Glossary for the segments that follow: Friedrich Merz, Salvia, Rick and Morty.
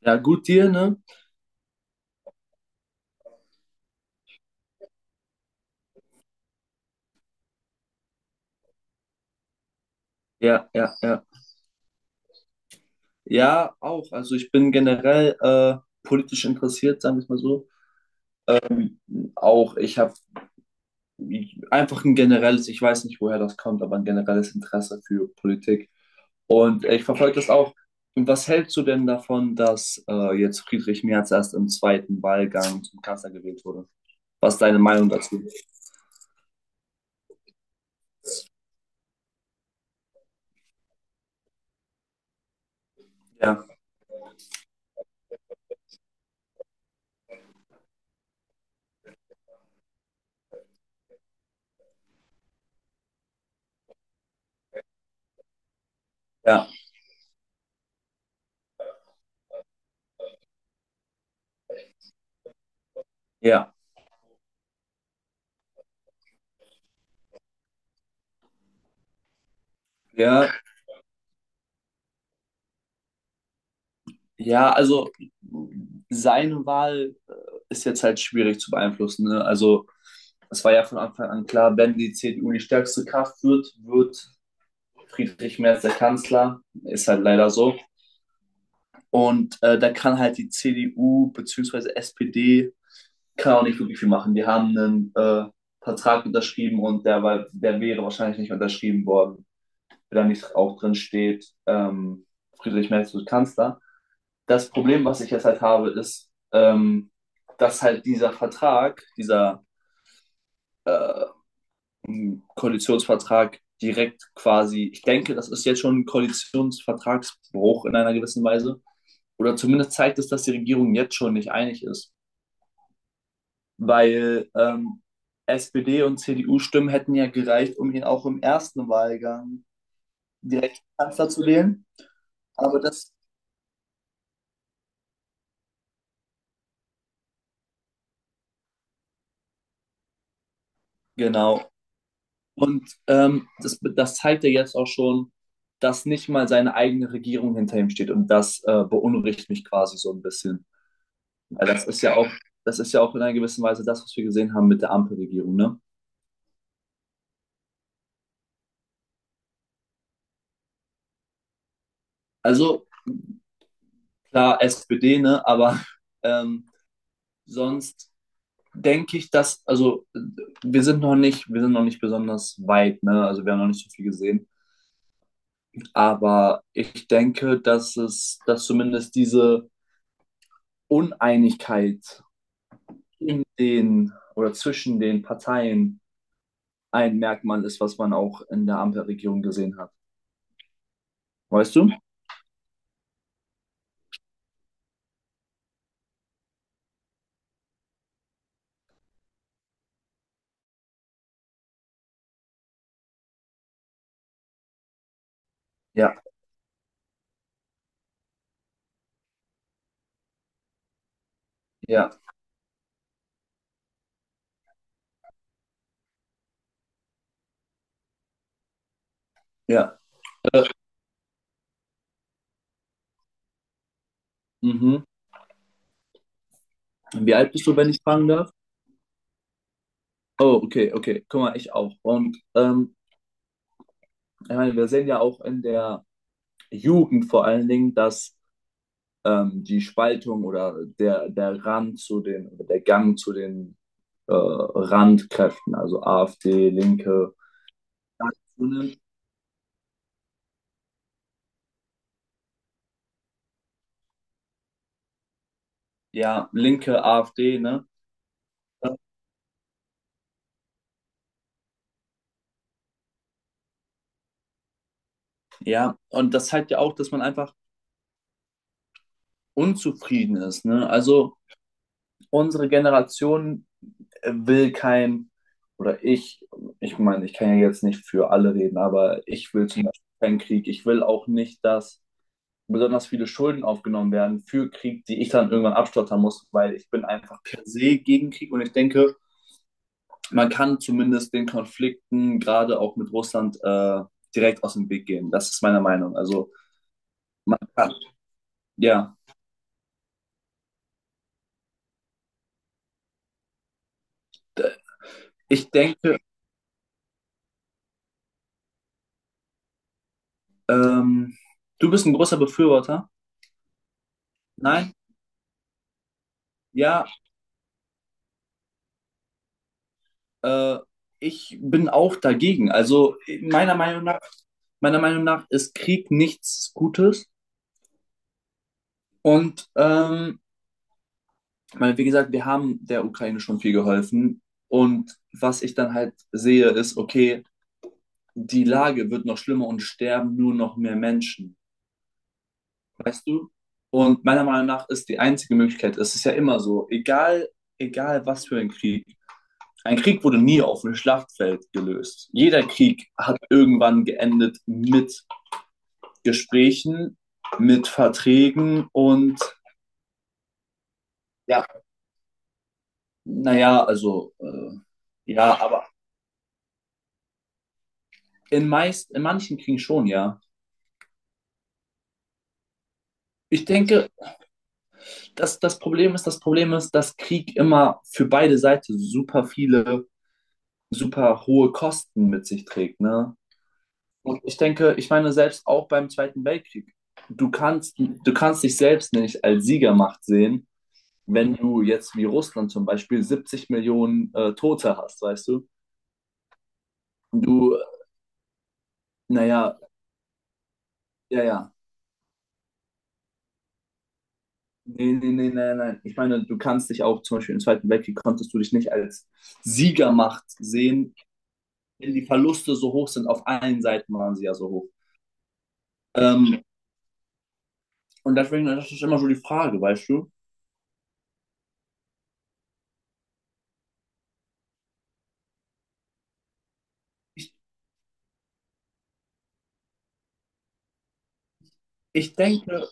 Ja, gut dir, ne? Ja, ja, ja. Ja, auch. Also ich bin generell politisch interessiert, sagen wir es mal so. Auch ich habe einfach ein generelles, ich weiß nicht, woher das kommt, aber ein generelles Interesse für Politik. Und ich verfolge das auch. Und was hältst du denn davon, dass jetzt Friedrich Merz erst im zweiten Wahlgang zum Kanzler gewählt wurde? Was ist deine Meinung dazu? Ja, ja, ja, ja, ja. Also seine Wahl ist jetzt halt schwierig zu beeinflussen. Ne? Also es war ja von Anfang an klar, wenn die CDU die stärkste Kraft wird, wird Friedrich Merz der Kanzler. Ist halt leider so. Und da kann halt die CDU bzw. SPD kann auch nicht wirklich viel machen. Die haben einen Vertrag unterschrieben, und der wäre wahrscheinlich nicht unterschrieben worden, wenn da nicht auch drin steht, Friedrich Merz wird Kanzler. Das Problem, was ich jetzt halt habe, ist, dass halt dieser Vertrag, dieser äh, einen Koalitionsvertrag direkt quasi, ich denke, das ist jetzt schon ein Koalitionsvertragsbruch in einer gewissen Weise. Oder zumindest zeigt es, dass die Regierung jetzt schon nicht einig ist. Weil SPD- und CDU-Stimmen hätten ja gereicht, um ihn auch im ersten Wahlgang direkt Kanzler zu wählen. Aber das, genau. Und das zeigt ja jetzt auch schon, dass nicht mal seine eigene Regierung hinter ihm steht. Und das beunruhigt mich quasi so ein bisschen. Weil das ist ja auch in einer gewissen Weise das, was wir gesehen haben mit der Ampelregierung, ne? Also klar, SPD, ne? Aber ähm, sonst denke ich, dass, also wir sind noch nicht besonders weit, ne? Also wir haben noch nicht so viel gesehen. Aber ich denke, dass zumindest diese Uneinigkeit in den oder zwischen den Parteien ein Merkmal ist, was man auch in der Ampelregierung gesehen hat. Weißt du? Ja, ja, ja. Äh, mhm. Wie alt bist du, wenn ich fragen darf? Oh, okay, okay. Guck mal, ich auch. Und ich meine, wir sehen ja auch in der Jugend vor allen Dingen, dass die Spaltung oder der Rand zu den, oder der Gang zu den Randkräften, also AfD, Linke, das zunimmt. Ja, Linke, AfD, ne? Ja, und das zeigt ja auch, dass man einfach unzufrieden ist, ne? Also unsere Generation will kein, oder ich meine, ich kann ja jetzt nicht für alle reden, aber ich will zum Beispiel keinen Krieg. Ich will auch nicht, dass besonders viele Schulden aufgenommen werden für Krieg, die ich dann irgendwann abstottern muss, weil ich bin einfach per se gegen Krieg, und ich denke, man kann zumindest den Konflikten, gerade auch mit Russland, direkt aus dem Weg gehen. Das ist meine Meinung. Also, ah, ja, d- ich denke, ähm, du bist ein großer Befürworter. Nein? Ja. Äh, Ich bin auch dagegen. Also meiner Meinung nach, meiner Meinung nach ist Krieg nichts Gutes. Und ich, wie gesagt, wir haben der Ukraine schon viel geholfen. Und was ich dann halt sehe, ist, okay, die Lage wird noch schlimmer und sterben nur noch mehr Menschen. Weißt du? Und meiner Meinung nach ist die einzige Möglichkeit, es ist ja immer so, egal was für ein Krieg wurde nie auf dem Schlachtfeld gelöst. Jeder Krieg hat irgendwann geendet mit Gesprächen, mit Verträgen, und ja, naja, also, ja, aber in manchen Kriegen schon, ja. Ich denke, das Problem ist, dass Krieg immer für beide Seiten super hohe Kosten mit sich trägt, ne? Und ich denke, ich meine, selbst auch beim Zweiten Weltkrieg, du kannst dich selbst nicht als Siegermacht sehen, wenn du jetzt wie Russland zum Beispiel 70 Millionen Tote hast, weißt du? Du Naja, ja, ja, ja. Nee, nee, nee, nein, nein. Ich meine, du kannst dich auch zum Beispiel im Zweiten Weltkrieg, konntest du dich nicht als Siegermacht sehen, wenn die Verluste so hoch sind. Auf allen Seiten waren sie ja so hoch. Ähm, und deswegen, das ist immer so die Frage, weißt du? Ich, ich denke,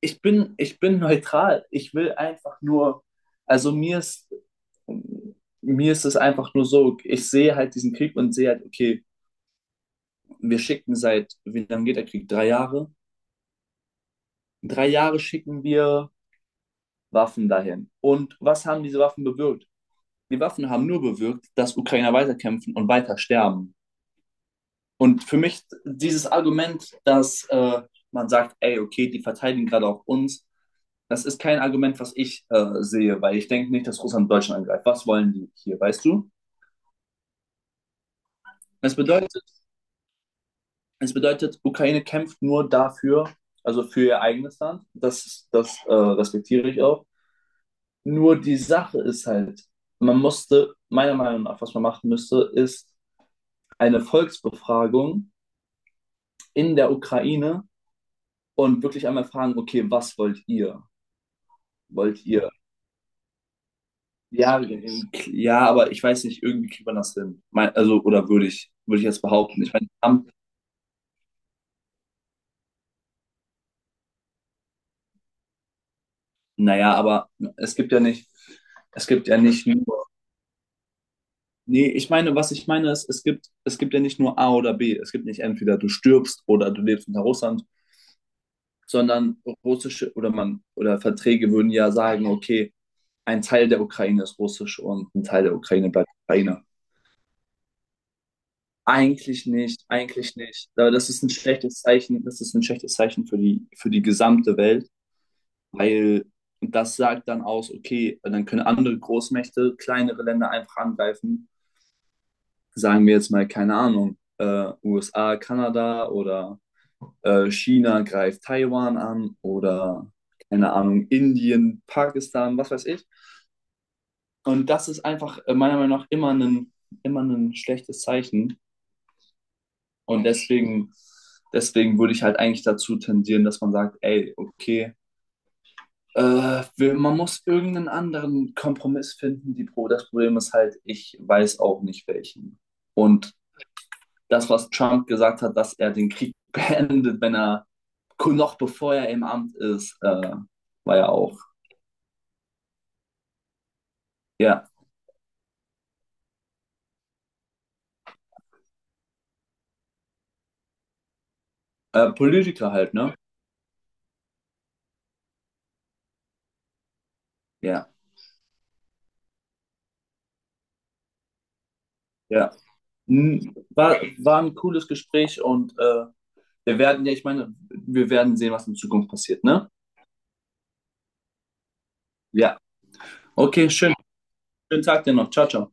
ich bin neutral. Ich will einfach nur, also mir ist es einfach nur so, ich sehe halt diesen Krieg und sehe halt, okay, wir schicken seit, wie lange geht der Krieg? 3 Jahre? 3 Jahre schicken wir Waffen dahin. Und was haben diese Waffen bewirkt? Die Waffen haben nur bewirkt, dass Ukrainer weiterkämpfen und weiter sterben. Und für mich dieses Argument, dass man sagt, ey, okay, die verteidigen gerade auch uns, das ist kein Argument, was ich sehe, weil ich denke nicht, dass Russland Deutschland angreift. Was wollen die hier, weißt du? Es bedeutet, es bedeutet, Ukraine kämpft nur dafür, also für ihr eigenes Land. Das respektiere ich auch. Nur die Sache ist halt, meiner Meinung nach, was man machen müsste, ist eine Volksbefragung in der Ukraine, und wirklich einmal fragen, okay, was wollt ihr? Wollt ihr? Ja, ja, aber ich weiß nicht, irgendwie kriegt man das hin. Also, oder würde ich jetzt behaupten. Ich meine, Trump, naja, aber es gibt ja nicht, es gibt ja nicht, nur, nee, ich meine, was ich meine ist, es gibt ja nicht nur A oder B. Es gibt nicht entweder du stirbst oder du lebst unter Russland, sondern oder Verträge würden ja sagen, okay, ein Teil der Ukraine ist russisch und ein Teil der Ukraine bleibt Ukraine. Eigentlich nicht, eigentlich nicht. Aber das ist ein schlechtes Zeichen, das ist ein schlechtes Zeichen für die gesamte Welt, weil das sagt dann aus, okay, dann können andere Großmächte kleinere Länder einfach angreifen. Sagen wir jetzt mal, keine Ahnung, USA, Kanada oder China greift Taiwan an oder keine Ahnung, Indien, Pakistan, was weiß ich. Und das ist einfach meiner Meinung nach immer ein schlechtes Zeichen. Und deswegen, deswegen würde ich halt eigentlich dazu tendieren, dass man sagt, ey, okay, man muss irgendeinen anderen Kompromiss finden. Das Problem ist halt, ich weiß auch nicht welchen. Und das, was Trump gesagt hat, dass er den Krieg beendet, wenn er noch bevor er im Amt ist, war ja auch, ja, Politiker halt, ne? Ja, ja. Hm, War ein cooles Gespräch, und wir werden, ja, ich meine, wir werden sehen, was in Zukunft passiert, ne? Ja. Okay, schön. Schönen Tag dir noch. Ciao, ciao.